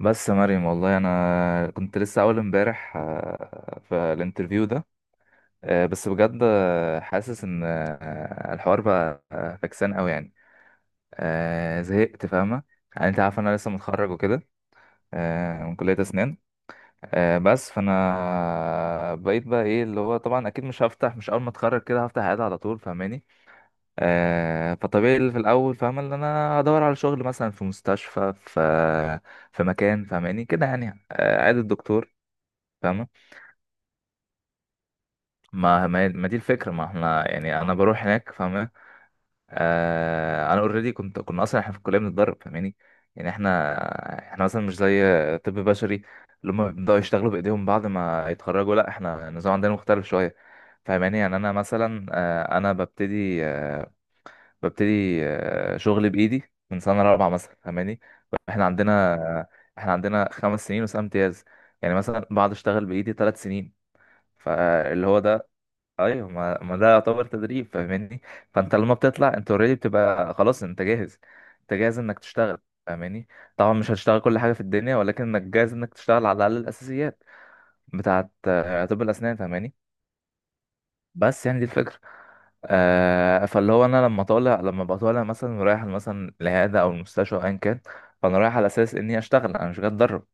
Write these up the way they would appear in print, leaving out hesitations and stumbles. بس يا مريم، والله انا كنت لسه اول امبارح في الانترفيو ده. بس بجد، حاسس ان الحوار بقى فكسان قوي يعني. زهقت، فاهمه؟ يعني انت عارف انا لسه متخرج وكده. من كليه اسنان. بس فانا، بقيت بقى، ايه اللي هو طبعا اكيد مش هفتح، مش اول ما اتخرج كده هفتح عياده على طول، فاهماني؟ فطبيعي اللي في الاول، فاهمه ان انا هدور على شغل مثلا في مستشفى، في مكان فاهماني كده يعني، عياده الدكتور. فاهمة؟ ما دي الفكرة، ما احنا يعني انا بروح هناك. فاهمة؟ انا اوريدي كنا اصلا احنا في الكلية بنتدرب، فاهماني؟ يعني احنا، احنا مثلا مش زي طب بشري، اللي هم بيبدأوا يشتغلوا بايديهم بعد ما يتخرجوا. لا، احنا النظام عندنا مختلف شوية، فاهماني. يعني انا مثلا، انا ببتدي، شغلي بايدي من سنة رابعة مثلا، فاهماني؟ احنا عندنا، احنا عندنا 5 سنين وسنة امتياز. يعني مثلا بعد اشتغل بايدي 3 سنين. فاللي هو ده، ايوه ما ده يعتبر تدريب، فاهماني؟ فانت لما بتطلع، انت اوريدي بتبقى خلاص انت جاهز، انت جاهز انك تشتغل، فاهماني؟ طبعا مش هتشتغل كل حاجه في الدنيا، ولكن انك جاهز انك تشتغل على الاقل الاساسيات بتاعه، طب الاسنان، فاهماني؟ بس يعني دي الفكرة. فاللي هو، انا لما بطالع مثلا رايح مثلا العياده او المستشفى او ايا كان، فانا رايح على اساس اني اشتغل، انا مش جاي اتدرب.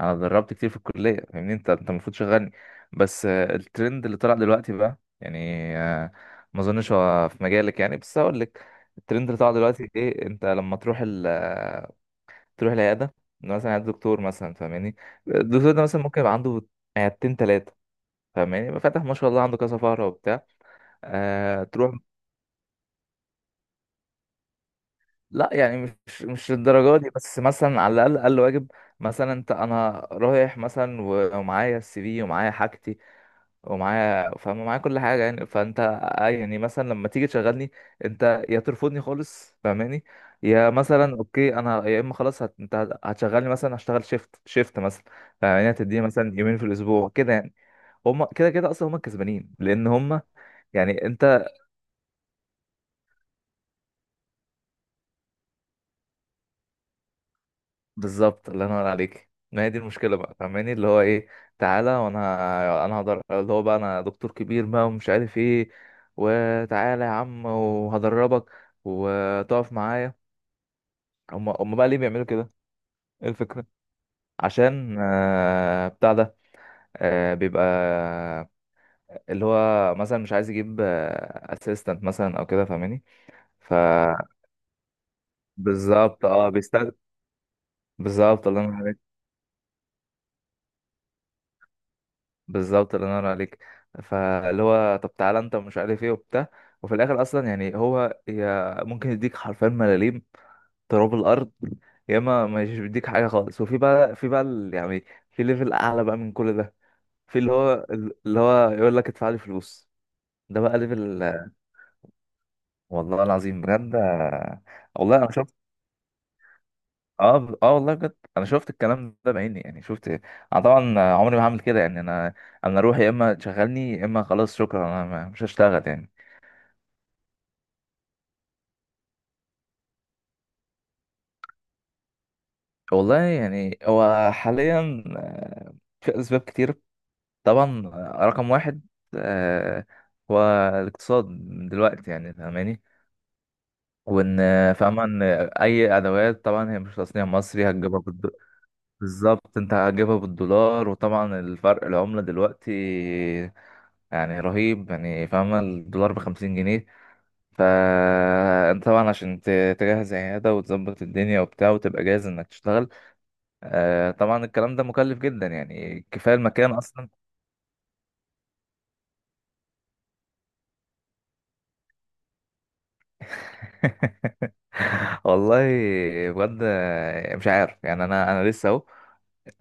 انا اتدربت كتير في الكليه، فاهمني انت المفروض شغلني. بس الترند اللي طلع دلوقتي بقى يعني، آه ما اظنش هو في مجالك، يعني بس هقول لك. الترند اللي طلع دلوقتي ايه؟ انت لما تروح ال آه، تروح العياده، مثلا عند دكتور مثلا، فاهماني؟ الدكتور ده مثلا ممكن يبقى عنده عيادتين، ثلاثه. فاهماني؟ يبقى فاتح ما شاء الله عنده كذا فقره وبتاع، تروح. لا يعني مش الدرجة دي، بس مثلا على الأقل، أقل واجب. مثلا أنت، أنا رايح مثلا ومعايا السي في، ومعايا حاجتي، ومعايا، فاهم معايا كل حاجة يعني. فأنت، يعني مثلا لما تيجي تشغلني، أنت يا ترفضني خالص، فاهماني؟ يا مثلا أوكي، أنا يا إما خلاص، أنت هتشغلني مثلا، هشتغل شيفت شيفت مثلا، فاهماني. هتديني مثلا يومين في الأسبوع كده يعني. هما كده كده أصلا هما الكسبانين، لأن هما يعني... بالظبط، الله ينور عليك. ما هي دي المشكله بقى، فاهماني؟ اللي هو ايه، تعالى، وانا انا هقدر، اللي هو بقى انا دكتور كبير بقى ومش عارف ايه، وتعالى يا عم وهدربك، وتقف معايا. هم بقى ليه بيعملوا كده؟ ايه الفكره؟ عشان بتاع ده، بيبقى اللي هو مثلا مش عايز يجيب اسيستنت مثلا او كده، فاهماني؟ ف بالظبط، اه بيستخدم. بالظبط الله ينور عليك. بالظبط الله ينور عليك. فاللي هو، طب تعالى انت مش عارف ايه وبتاع، وفي الاخر اصلا يعني هو، يا ممكن يديك حرفيا ملاليم، تراب الارض. يا اما ما يديك حاجه خالص. وفي بقى يعني في ليفل اعلى بقى من كل ده، في اللي هو، يقول لك ادفع لي فلوس. ده بقى ليفل. والله العظيم بجد. والله انا شفت، اه، اه، والله بجد انا شفت الكلام ده بعيني، يعني شفت. انا طبعا عمري ما هعمل كده يعني. انا اروح، يا اما تشغلني يا اما خلاص شكرا، انا مش هشتغل يعني. والله يعني هو حاليا، في أسباب كتير. طبعا، رقم واحد، آه، هو الاقتصاد من دلوقتي، يعني فاهماني. وإن، فاهمة إن أي أدوات طبعا هي مش تصنيع مصري، هتجيبها بالظبط، أنت هتجيبها بالدولار، وطبعا الفرق العملة دلوقتي يعني رهيب، يعني فاهمة الدولار بـ50 جنيه. فأنت طبعا عشان تجهز عيادة وتظبط الدنيا وبتاع، وتبقى جاهز إنك تشتغل، طبعا الكلام ده مكلف جدا يعني، كفاية المكان أصلا. والله، بجد مش عارف يعني. أنا لسه أهو،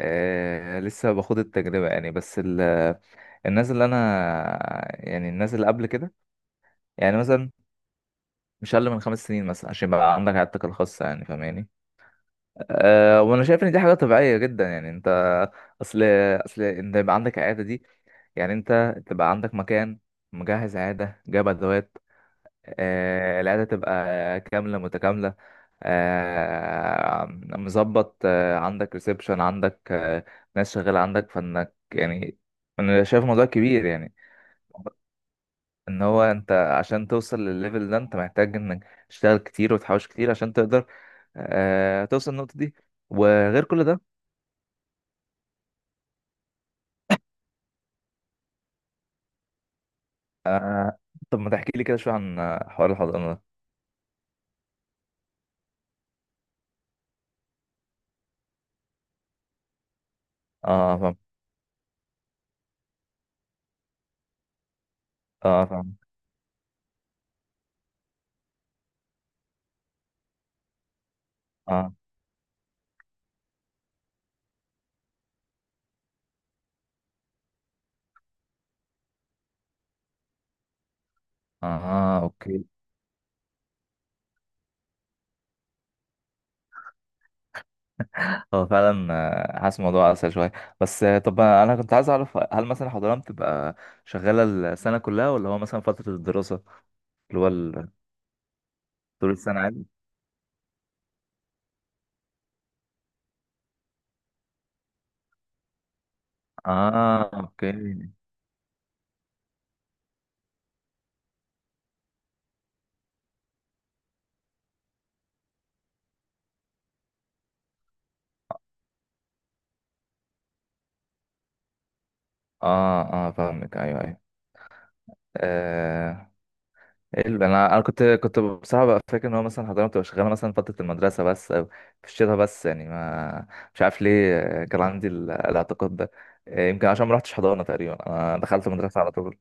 لسه باخد التجربة يعني، بس الناس اللي أنا، يعني الناس اللي قبل كده، يعني مثلا مش أقل من 5 سنين مثلا، عشان يبقى عندك عيادتك الخاصة، يعني فاهماني. أه، وأنا شايف إن دي حاجة طبيعية جدا يعني. أنت أصل، أنت يبقى عندك عيادة دي، يعني أنت تبقى عندك مكان، مجهز عيادة، جايب أدوات، العيادة تبقى كاملة متكاملة، مظبط، عندك ريسبشن، عندك ناس شغالة عندك، فانك يعني. انا شايف موضوع كبير يعني، ان هو انت عشان توصل للليفل ده، انت محتاج انك تشتغل كتير وتحوش كتير، عشان تقدر توصل للنقطة دي. وغير كل ده، طب ما تحكي لي كده شوية عن حوار الحضانة ده؟ اه، فاهم. اه، فاهم. اه، اه، اوكي. هو فعلا، حاسس الموضوع اسهل شويه. بس، طب انا كنت عايز اعرف، هل مثلا حضانه بتبقى شغاله السنه كلها، ولا هو مثلا فتره الدراسه؟ اللي هو ال- طول السنه عادي. اه، اوكي. اه، اه، فاهمك. ايوه، ايوه، آه إيه انا كنت بصراحه بقى فاكر ان هو مثلا حضانه بتبقى شغاله مثلا فتره المدرسه بس، او في الشتاء بس يعني. ما مش عارف ليه، كان عندي الاعتقاد ده، يمكن عشان ما رحتش حضانه تقريبا، انا دخلت مدرسه على طول.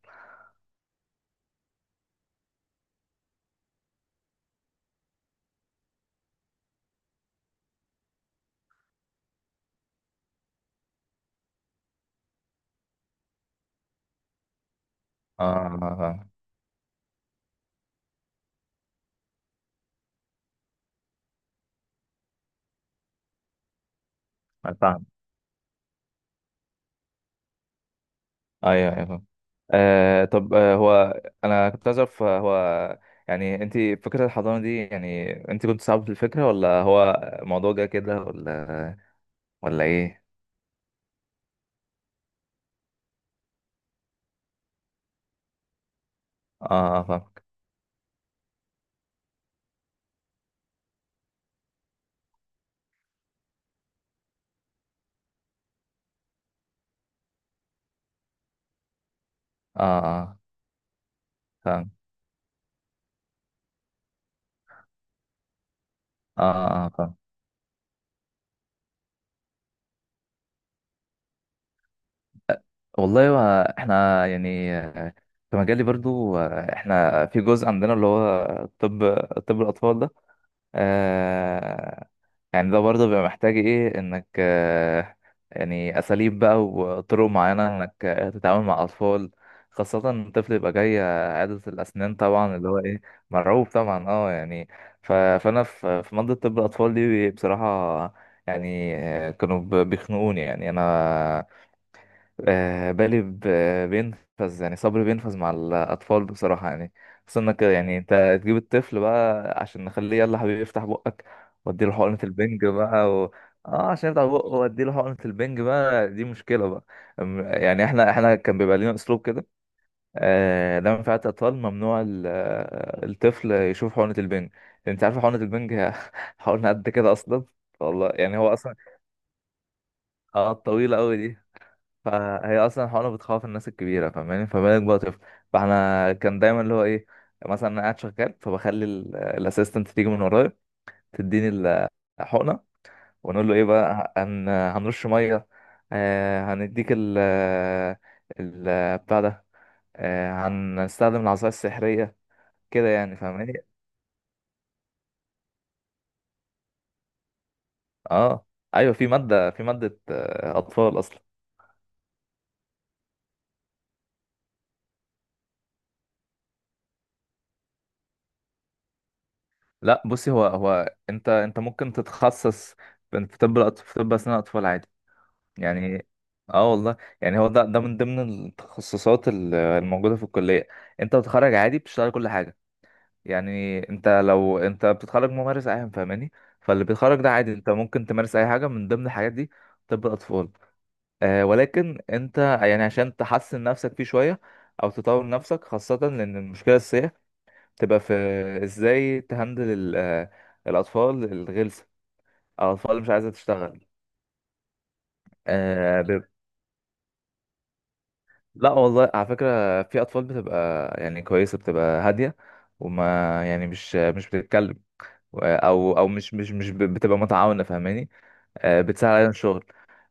اه، آه، فاهم. ايوه، ايوه، فاهم. طب، هو انا كنت عايز اعرف، هو يعني انت، فكره الحضانه دي، يعني انت كنت صعب في الفكره، ولا هو الموضوع جه كده، ولا ولا ايه؟ اه، فاهمك. اه، اه، فاهم. اه، اه، فاهم. والله، هو احنا يعني، في مجالي برضو، احنا في جزء عندنا اللي هو طب، الاطفال ده، آه يعني ده برضه بيبقى محتاج ايه، انك يعني اساليب بقى وطرق معينة انك تتعامل مع اطفال، خاصة الطفل يبقى جاي عيادة الأسنان، طبعا اللي هو إيه؟ مرعوب طبعا، اه يعني. فأنا في منطقة طب الأطفال دي بصراحة، يعني كانوا بيخنقوني يعني أنا، بالي بينفذ، يعني صبري بينفذ مع الأطفال بصراحة يعني. خصوصا إنك يعني، أنت تجيب الطفل بقى عشان نخليه، يلا حبيبي افتح بقك، وأديله حقنة البنج بقى اه، عشان يفتح بقه وأديله حقنة البنج بقى، دي مشكلة بقى. أم- يعني احنا كان بيبقى لنا أسلوب كده، لما في عيادة أطفال، ممنوع الطفل يشوف حقنة البنج. أنت عارف حقنة البنج؟ هي حقنة قد كده أصلا. والله يعني هو أصلا، اه، طويلة أوي. فهي اصلا حقنة بتخوف الناس الكبيره، فاهماني؟ فما بالك بقى طفل. فاحنا كان دايما اللي هو ايه، مثلا انا قاعد شغال، فبخلي الاسيستنت تيجي من ورايا، تديني الحقنه، ونقول له ايه بقى، هنرش ميه، هنديك ال بتاع ده، هنستخدم العصايه السحريه كده يعني، فاهماني؟ اه، ايوه في ماده، اطفال اصلا. لا بصي، هو انت ممكن تتخصص في طب اسنان اطفال عادي يعني. اه والله يعني هو، ده من ضمن التخصصات الموجودة في الكلية. انت بتتخرج عادي، بتشتغل كل حاجة. يعني انت، لو انت بتتخرج ممارس عام، فاهماني. فاللي بيتخرج ده عادي، انت ممكن تمارس اي حاجة من ضمن الحاجات دي، طب الاطفال. ولكن انت يعني عشان تحسن نفسك فيه شوية، او تطور نفسك، خاصة لان المشكلة الأساسية تبقى في ازاي تهندل الاطفال الغلسة، او الاطفال اللي مش عايزة تشتغل. آه، لا والله، على فكرة في أطفال بتبقى يعني كويسة، بتبقى هادية، وما يعني مش بتتكلم، أو مش بتبقى متعاونة، فاهماني. بتساعد علينا الشغل.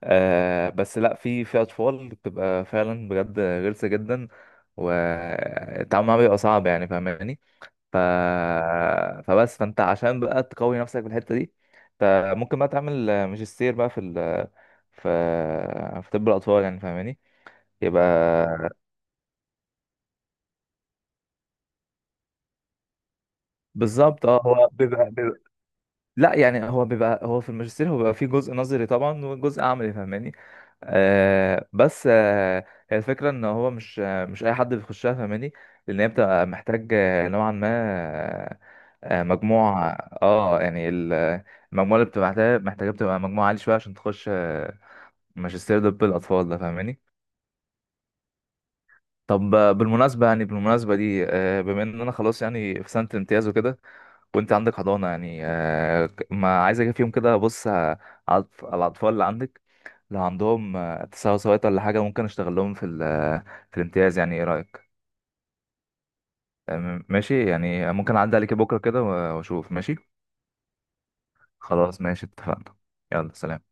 بس لا، في أطفال بتبقى فعلا بجد غلسة جدا، والتعامل معاها بيبقى صعب، يعني فاهماني. ف... فبس فأنت عشان بقى تقوي نفسك في الحتة دي، أنت ممكن بقى تعمل ماجستير بقى في في في طب الأطفال، يعني فاهماني. يبقى بالظبط، اه هو بيبقى لا يعني، هو في الماجستير هو بيبقى فيه جزء نظري طبعا وجزء عملي، فاهماني. بس، هي الفكرة ان هو مش اي حد بيخشها، فاهماني؟ لان هي بتبقى محتاج، نوعا ما، مجموع. اه يعني المجموعة اللي بتبقى محتاجة بتبقى مجموعة عالي شوية، عشان تخش ماجستير طب الأطفال ده، فاهماني. طب، بالمناسبة يعني، بالمناسبة دي، بما ان انا خلاص يعني في سنة امتياز وكده، وانت عندك حضانة، يعني ما عايز اجي فيهم كده، بص على الاطفال اللي عندك، لو عندهم تساوي سويت ولا حاجة، ممكن اشتغل لهم في في الامتياز، يعني ايه رأيك؟ ماشي يعني، ممكن اعدي عليك بكرة كده واشوف. ماشي. خلاص ماشي، اتفقنا. يلا سلام.